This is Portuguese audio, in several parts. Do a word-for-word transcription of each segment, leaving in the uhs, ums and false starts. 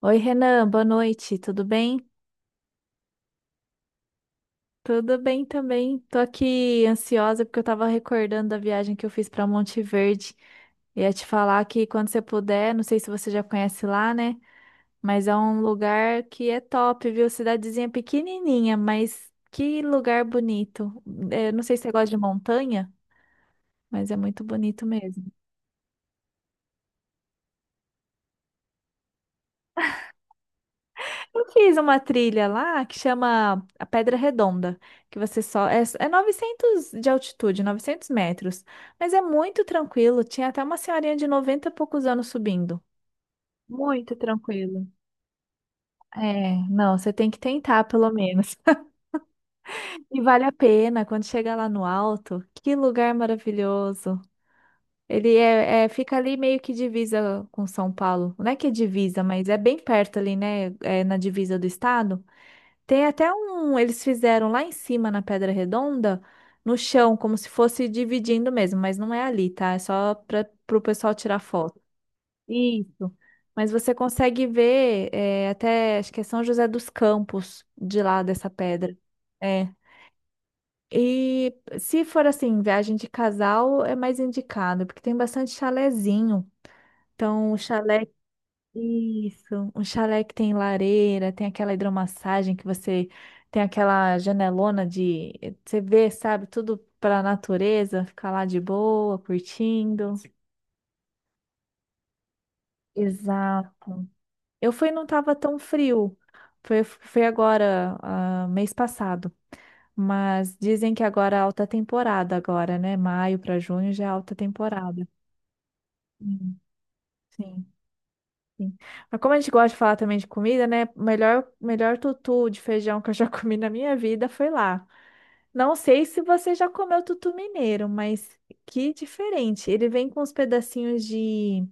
Oi, Renan, boa noite, tudo bem? Tudo bem também. Tô aqui ansiosa porque eu tava recordando da viagem que eu fiz pra Monte Verde. Ia te falar que quando você puder, não sei se você já conhece lá, né? Mas é um lugar que é top, viu? Cidadezinha pequenininha, mas que lugar bonito. É, não sei se você gosta de montanha, mas é muito bonito mesmo. Eu fiz uma trilha lá que chama a Pedra Redonda, que você só é, é novecentos de altitude, 900 metros, mas é muito tranquilo. Tinha até uma senhorinha de noventa e poucos anos subindo. Muito tranquilo. É, não, você tem que tentar pelo menos. E vale a pena quando chega lá no alto. Que lugar maravilhoso. Ele é, é- fica ali meio que divisa com São Paulo. Não é que é divisa, mas é bem perto ali, né? É na divisa do estado. Tem até um, eles fizeram lá em cima na Pedra Redonda, no chão, como se fosse dividindo mesmo, mas não é ali, tá? É só para o pessoal tirar foto. Isso. Mas você consegue ver é, até, acho que é São José dos Campos, de lá dessa pedra. É. E se for assim, viagem de casal, é mais indicado, porque tem bastante chalezinho. Então, o chalé isso, um chalé que tem lareira, tem aquela hidromassagem que você tem aquela janelona de você vê, sabe, tudo para natureza, ficar lá de boa, curtindo. Sim. Exato. Eu fui, e não tava tão frio. Foi, foi agora, ah, mês passado. Mas dizem que agora é alta temporada agora, né? Maio para junho já é alta temporada. Sim. Sim. Sim. Mas como a gente gosta de falar também de comida, né? O melhor, melhor tutu de feijão que eu já comi na minha vida foi lá. Não sei se você já comeu tutu mineiro, mas que diferente. Ele vem com uns pedacinhos de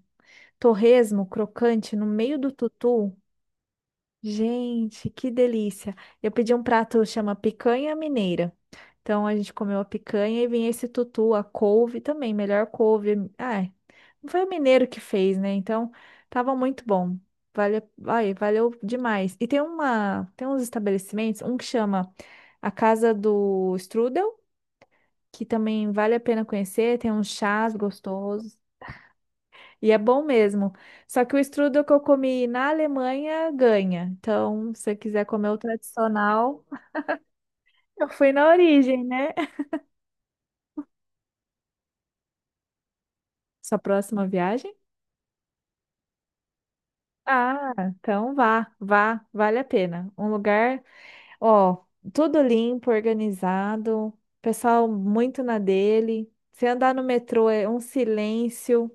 torresmo crocante no meio do tutu. Gente, que delícia. Eu pedi um prato chama picanha mineira. Então a gente comeu a picanha e vinha esse tutu, a couve também, melhor couve. Ai, não foi o mineiro que fez, né? Então tava muito bom. Vale, ai, valeu demais. E tem uma, tem uns estabelecimentos, um que chama a Casa do Strudel, que também vale a pena conhecer, tem uns chás gostosos. E é bom mesmo. Só que o strudel que eu comi na Alemanha ganha. Então, se você quiser comer o tradicional, eu fui na origem, né? Sua próxima viagem? Ah, então vá, vá, vale a pena. Um lugar, ó, tudo limpo, organizado, pessoal muito na dele. Se andar no metrô é um silêncio,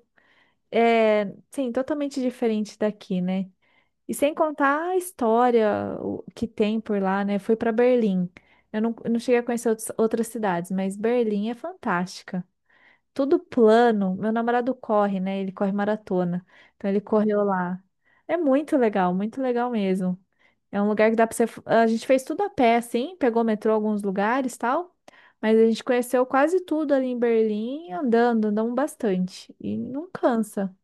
é, sim, totalmente diferente daqui, né? E sem contar a história o- que tem por lá, né? Fui para Berlim. Eu não, eu não cheguei a conhecer outros- outras cidades, mas Berlim é fantástica. Tudo plano. Meu namorado corre, né? Ele corre maratona. Então ele correu lá. É muito legal, muito legal mesmo. É um lugar que dá para você. A gente fez tudo a pé, assim, pegou metrô em alguns lugares, tal. Mas a gente conheceu quase tudo ali em Berlim, andando, andamos bastante. E não cansa.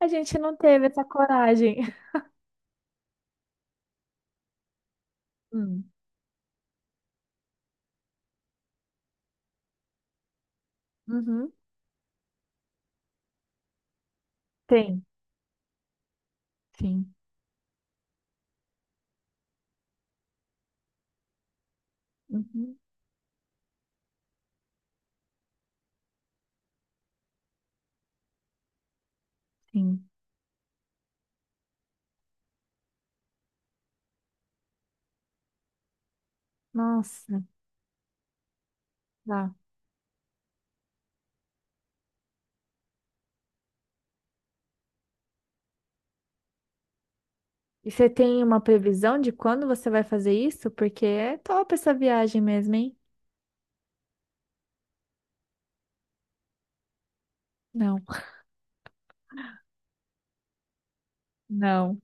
A gente não teve essa coragem. Hum. Uhum. Tem, sim. Uhum, sim. Nossa, tá. E você tem uma previsão de quando você vai fazer isso? Porque é top essa viagem mesmo, hein? Não, não.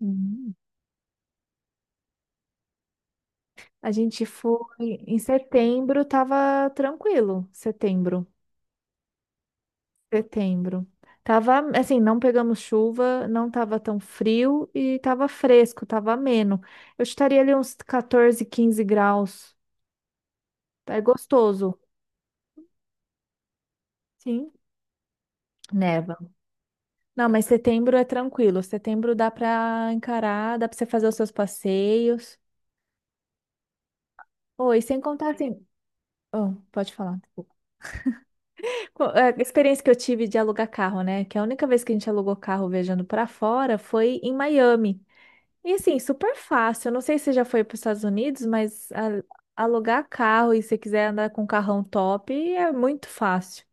Uhum. A gente foi em setembro, tava tranquilo. Setembro, setembro. Tava, assim, não pegamos chuva, não tava tão frio e tava fresco, tava ameno. Eu estaria ali uns quatorze, quinze graus. É gostoso. Sim. Neva. Não, mas setembro é tranquilo. Setembro dá pra encarar, dá pra você fazer os seus passeios. Oi, sem contar assim. Oh, pode falar. Co- é, A experiência que eu tive de alugar carro, né? Que a única vez que a gente alugou carro viajando pra fora foi em Miami. E assim, super fácil. Eu não sei se você já foi para os Estados Unidos, mas a- alugar carro e se quiser andar com um carrão top é muito fácil.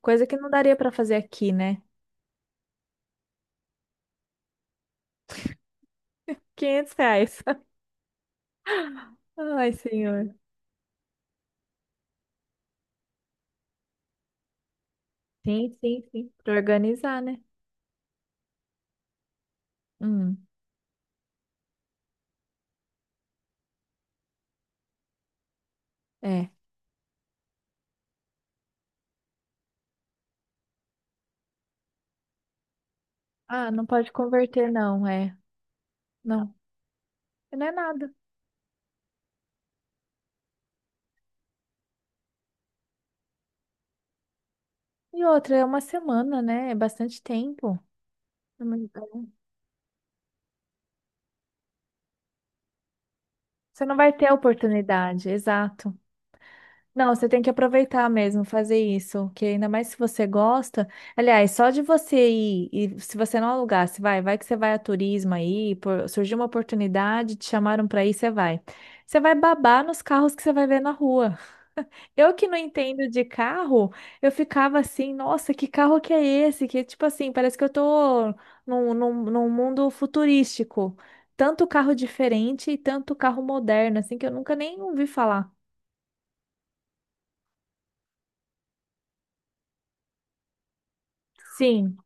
Coisa que não daria pra fazer aqui, né? Quinhentos reais. Ai, senhor. Sim, sim, sim. Pra organizar, né? Hum. É. Ah, não pode converter, não, é. Não, não é nada. E outra, é uma semana, né? É bastante tempo. Você não vai ter a oportunidade, exato. Não, você tem que aproveitar mesmo, fazer isso, que ainda mais se você gosta. Aliás, só de você ir, e se você não alugasse, vai, vai que você vai a turismo aí, por- surgiu uma oportunidade, te chamaram para ir, você vai. Você vai babar nos carros que você vai ver na rua. Eu que não entendo de carro, eu ficava assim, nossa, que carro que é esse? Que tipo assim, parece que eu tô num, num, num mundo futurístico. Tanto carro diferente e tanto carro moderno, assim, que eu nunca nem ouvi falar. Sim.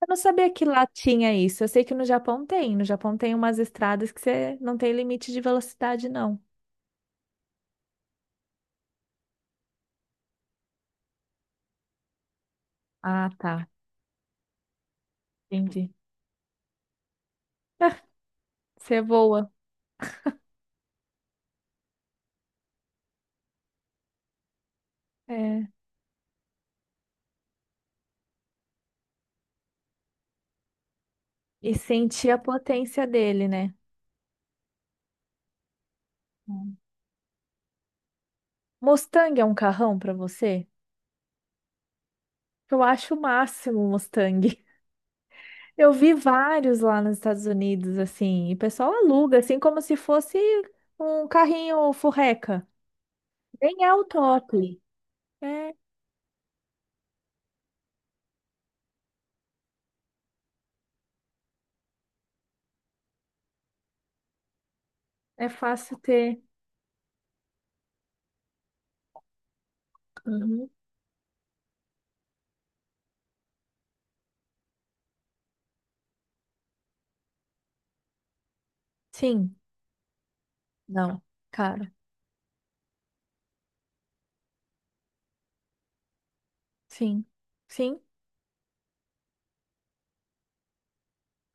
Eu não sabia que lá tinha isso. Eu sei que no Japão tem. No Japão tem umas estradas que você não tem limite de velocidade, não. Ah, tá. Entendi. Você voa. É. E sentir a potência dele, né? Hum. Mustang é um carrão pra você? Eu acho o máximo o Mustang. Eu vi vários lá nos Estados Unidos, assim, e o pessoal aluga, assim, como se fosse um carrinho furreca. Nem é o top. É, é fácil ter. Uhum. Sim, não, cara, sim, sim.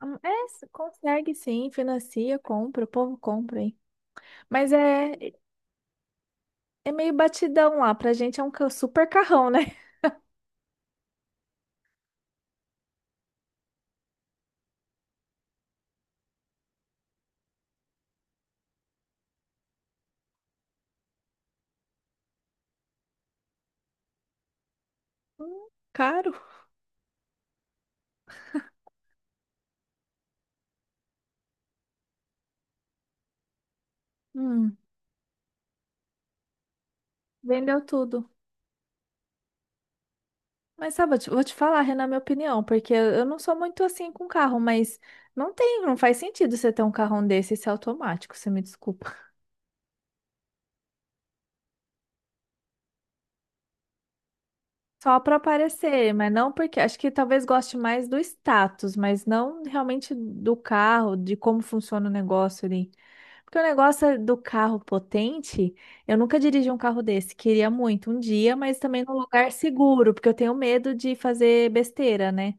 Hum, é, se- consegue sim, financia, compra, o povo compra, hein? Mas é, é meio batidão lá, pra gente é um ca- super carrão, né? Hum, caro. Hum, vendeu tudo. Mas sabe, eu te- vou te falar, Renan, minha opinião, porque eu não sou muito assim com carro, mas não tem, não faz sentido você ter um carrão desse e ser automático, você me desculpa. Só para aparecer, mas não porque acho que talvez goste mais do status, mas não realmente do carro, de como funciona o negócio ali. Porque o negócio é do carro potente, eu nunca dirigi um carro desse, queria muito um dia, mas também num lugar seguro, porque eu tenho medo de fazer besteira, né?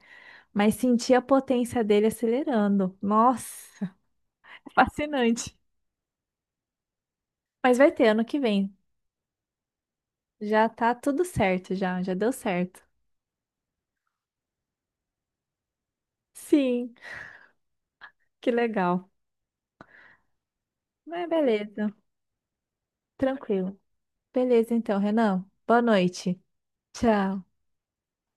Mas sentir a potência dele acelerando. Nossa. Fascinante. Mas vai ter ano que vem. Já tá tudo certo, já, já deu certo. Sim, que legal. Mas beleza, tranquilo. Beleza então, Renan. Boa noite. Tchau.